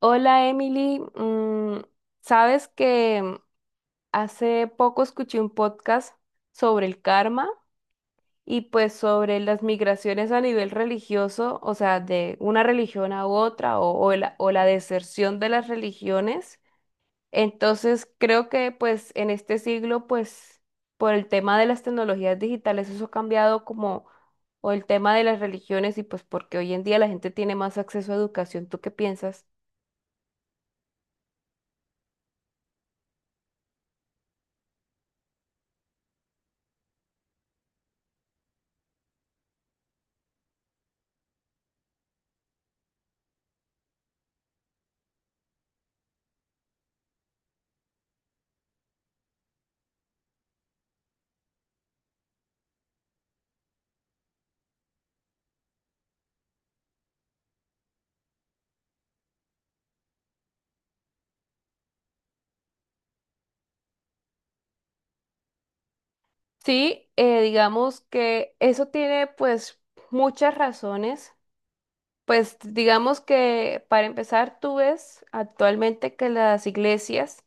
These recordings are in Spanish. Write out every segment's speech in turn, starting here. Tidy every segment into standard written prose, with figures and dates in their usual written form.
Hola Emily, sabes que hace poco escuché un podcast sobre el karma y pues sobre las migraciones a nivel religioso, o sea, de una religión a otra o la deserción de las religiones. Entonces creo que pues en este siglo pues por el tema de las tecnologías digitales eso ha cambiado como o el tema de las religiones y pues porque hoy en día la gente tiene más acceso a educación. ¿Tú qué piensas? Sí, digamos que eso tiene pues muchas razones. Pues digamos que para empezar, tú ves actualmente que las iglesias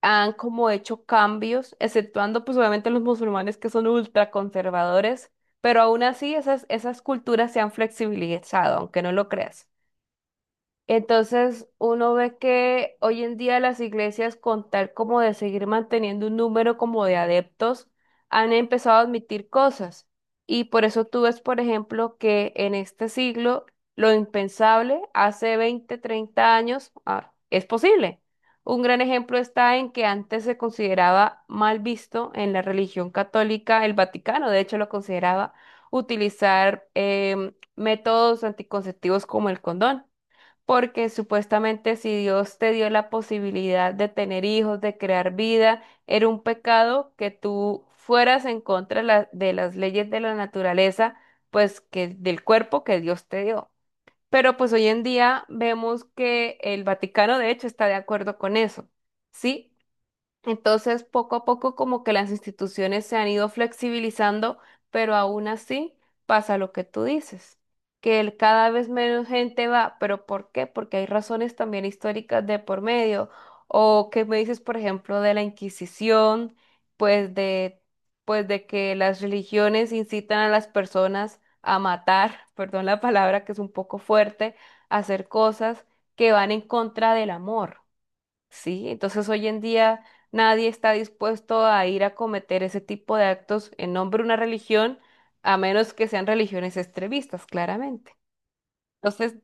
han como hecho cambios, exceptuando pues obviamente los musulmanes que son ultraconservadores, pero aún así esas culturas se han flexibilizado, aunque no lo creas. Entonces uno ve que hoy en día las iglesias, con tal como de seguir manteniendo un número como de adeptos, han empezado a admitir cosas. Y por eso tú ves, por ejemplo, que en este siglo lo impensable hace 20, 30 años es posible. Un gran ejemplo está en que antes se consideraba mal visto en la religión católica el Vaticano, de hecho lo consideraba utilizar métodos anticonceptivos como el condón porque supuestamente si Dios te dio la posibilidad de tener hijos, de crear vida, era un pecado que tú fueras en contra de, de las leyes de la naturaleza, pues que del cuerpo que Dios te dio. Pero pues hoy en día vemos que el Vaticano de hecho está de acuerdo con eso, ¿sí? Entonces, poco a poco, como que las instituciones se han ido flexibilizando, pero aún así pasa lo que tú dices, que cada vez menos gente va, pero ¿por qué? Porque hay razones también históricas de por medio, o que me dices, por ejemplo, de la Inquisición, pues de, pues de que las religiones incitan a las personas a matar, perdón la palabra que es un poco fuerte, a hacer cosas que van en contra del amor. Sí, entonces hoy en día nadie está dispuesto a ir a cometer ese tipo de actos en nombre de una religión, a menos que sean religiones extremistas, claramente. Entonces,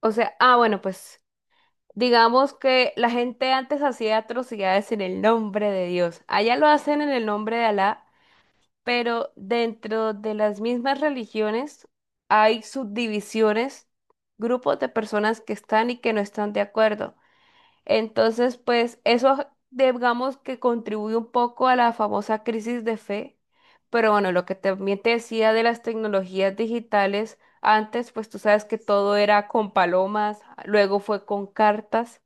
o sea, bueno, pues digamos que la gente antes hacía atrocidades en el nombre de Dios. Allá lo hacen en el nombre de Alá, pero dentro de las mismas religiones hay subdivisiones, grupos de personas que están y que no están de acuerdo. Entonces, pues eso digamos que contribuye un poco a la famosa crisis de fe. Pero bueno, lo que también te decía de las tecnologías digitales, antes pues tú sabes que todo era con palomas, luego fue con cartas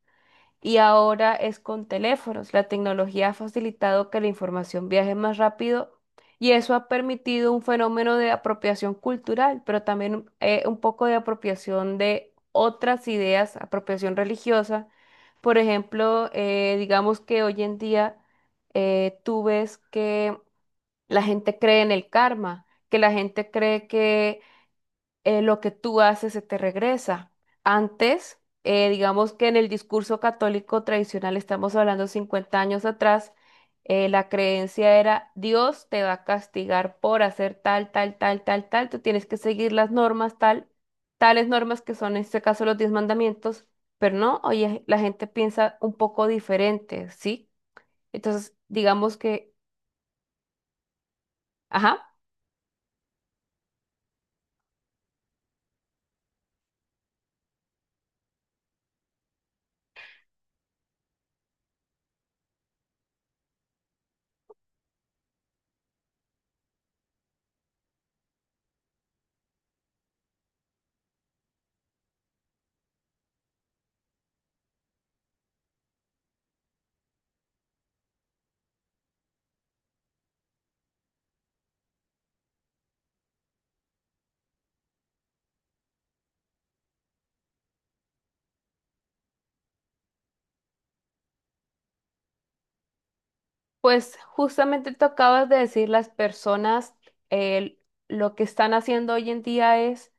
y ahora es con teléfonos. La tecnología ha facilitado que la información viaje más rápido y eso ha permitido un fenómeno de apropiación cultural, pero también un poco de apropiación de otras ideas, apropiación religiosa. Por ejemplo, digamos que hoy en día tú ves que la gente cree en el karma, que la gente cree que lo que tú haces se te regresa. Antes, digamos que en el discurso católico tradicional, estamos hablando 50 años atrás, la creencia era Dios te va a castigar por hacer tal, tal, tal, tal, tal, tú tienes que seguir las normas, tal, tales normas que son en este caso los 10 mandamientos, pero no, oye, la gente piensa un poco diferente, ¿sí? Entonces, digamos que, ajá. Pues justamente tú acabas de decir, las personas eh, lo que están haciendo hoy en día es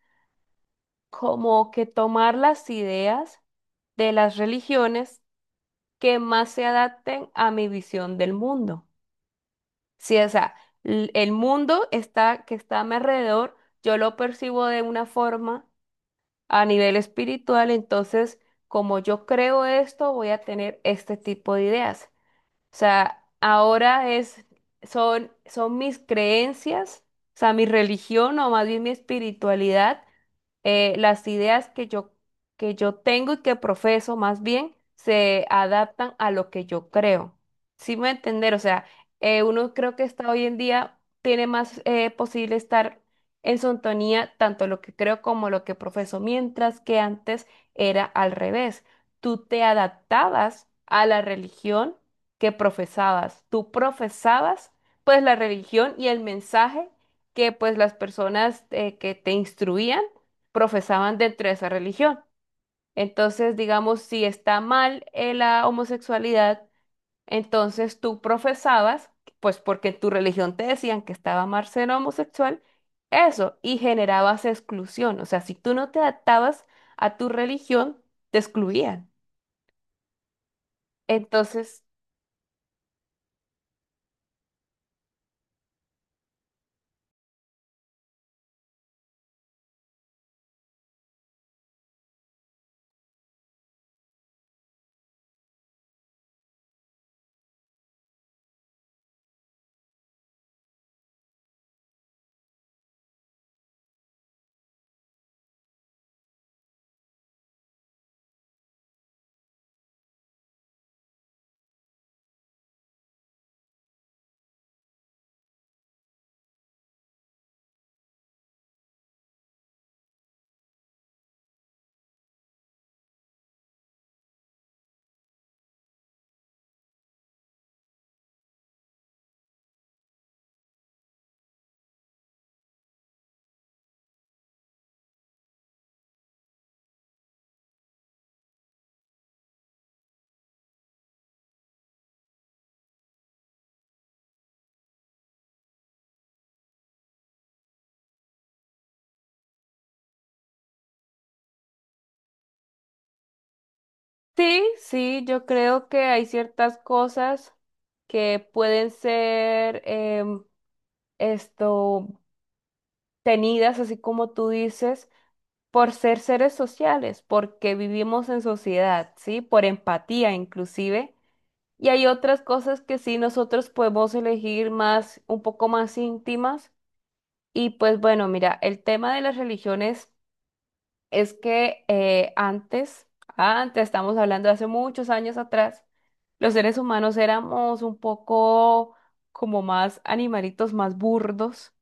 como que tomar las ideas de las religiones que más se adapten a mi visión del mundo. Sí, o sea, el mundo está, que está a mi alrededor, yo lo percibo de una forma a nivel espiritual, entonces como yo creo esto, voy a tener este tipo de ideas. O sea, ahora es, son, son mis creencias, o sea, mi religión o más bien mi espiritualidad, las ideas que yo tengo y que profeso más bien se adaptan a lo que yo creo. ¿Sí me va a entender? O sea, uno creo que está hoy en día, tiene más posible estar en sintonía tanto lo que creo como lo que profeso, mientras que antes era al revés. Tú te adaptabas a la religión que profesabas. Tú profesabas pues la religión y el mensaje que pues las personas que te instruían profesaban dentro de esa religión. Entonces, digamos, si está mal la homosexualidad, entonces tú profesabas, pues porque en tu religión te decían que estaba mal ser homosexual, eso, y generabas exclusión. O sea, si tú no te adaptabas a tu religión, te excluían. Entonces, sí, sí, yo creo que hay ciertas cosas que pueden ser esto tenidas, así como tú dices, por ser seres sociales, porque vivimos en sociedad, ¿sí? Por empatía inclusive. Y hay otras cosas que sí nosotros podemos elegir más, un poco más íntimas. Y pues bueno, mira, el tema de las religiones. Es que antes, estamos hablando de hace muchos años atrás, los seres humanos éramos un poco como más animalitos, más burdos.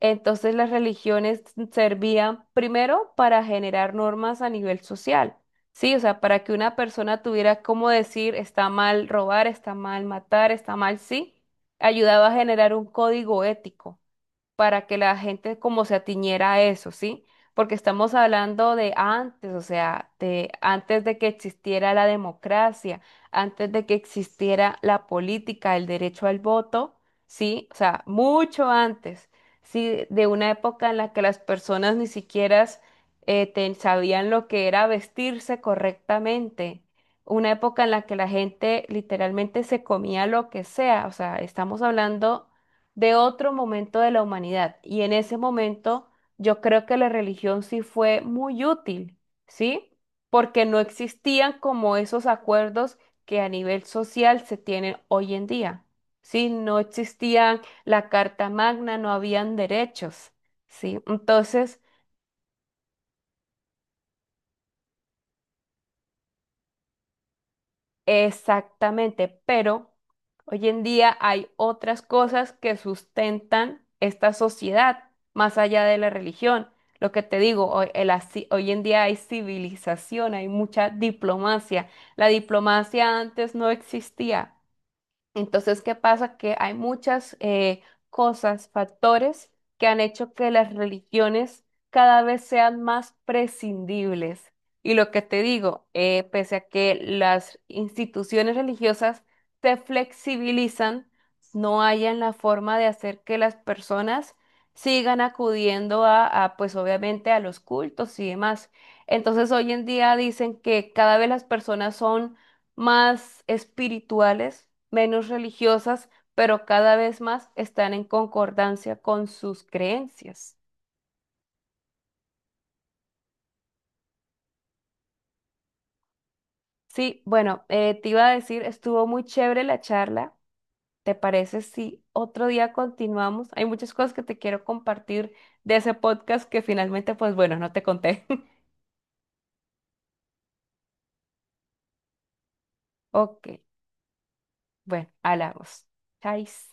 Entonces las religiones servían primero para generar normas a nivel social, ¿sí? O sea, para que una persona tuviera cómo decir está mal robar, está mal matar, está mal, sí, ayudaba a generar un código ético para que la gente como se atiñera a eso, ¿sí? Porque estamos hablando de antes, o sea, de antes de que existiera la democracia, antes de que existiera la política, el derecho al voto, ¿sí? O sea, mucho antes, ¿sí? De una época en la que las personas ni siquiera sabían lo que era vestirse correctamente. Una época en la que la gente literalmente se comía lo que sea, o sea, estamos hablando de otro momento de la humanidad. Y en ese momento yo creo que la religión sí fue muy útil, ¿sí? Porque no existían como esos acuerdos que a nivel social se tienen hoy en día, ¿sí? No existían la Carta Magna, no habían derechos, ¿sí? Entonces, exactamente, pero hoy en día hay otras cosas que sustentan esta sociedad más allá de la religión. Lo que te digo, hoy, hoy en día hay civilización, hay mucha diplomacia. La diplomacia antes no existía. Entonces, ¿qué pasa? Que hay muchas cosas, factores que han hecho que las religiones cada vez sean más prescindibles. Y lo que te digo, pese a que las instituciones religiosas se flexibilizan, no hayan la forma de hacer que las personas sigan acudiendo a, pues obviamente, a los cultos y demás. Entonces, hoy en día dicen que cada vez las personas son más espirituales, menos religiosas, pero cada vez más están en concordancia con sus creencias. Sí, bueno, te iba a decir, estuvo muy chévere la charla. ¿Te parece si otro día continuamos? Hay muchas cosas que te quiero compartir de ese podcast que finalmente, pues bueno, no te conté. Ok, bueno, hablamos. Chais.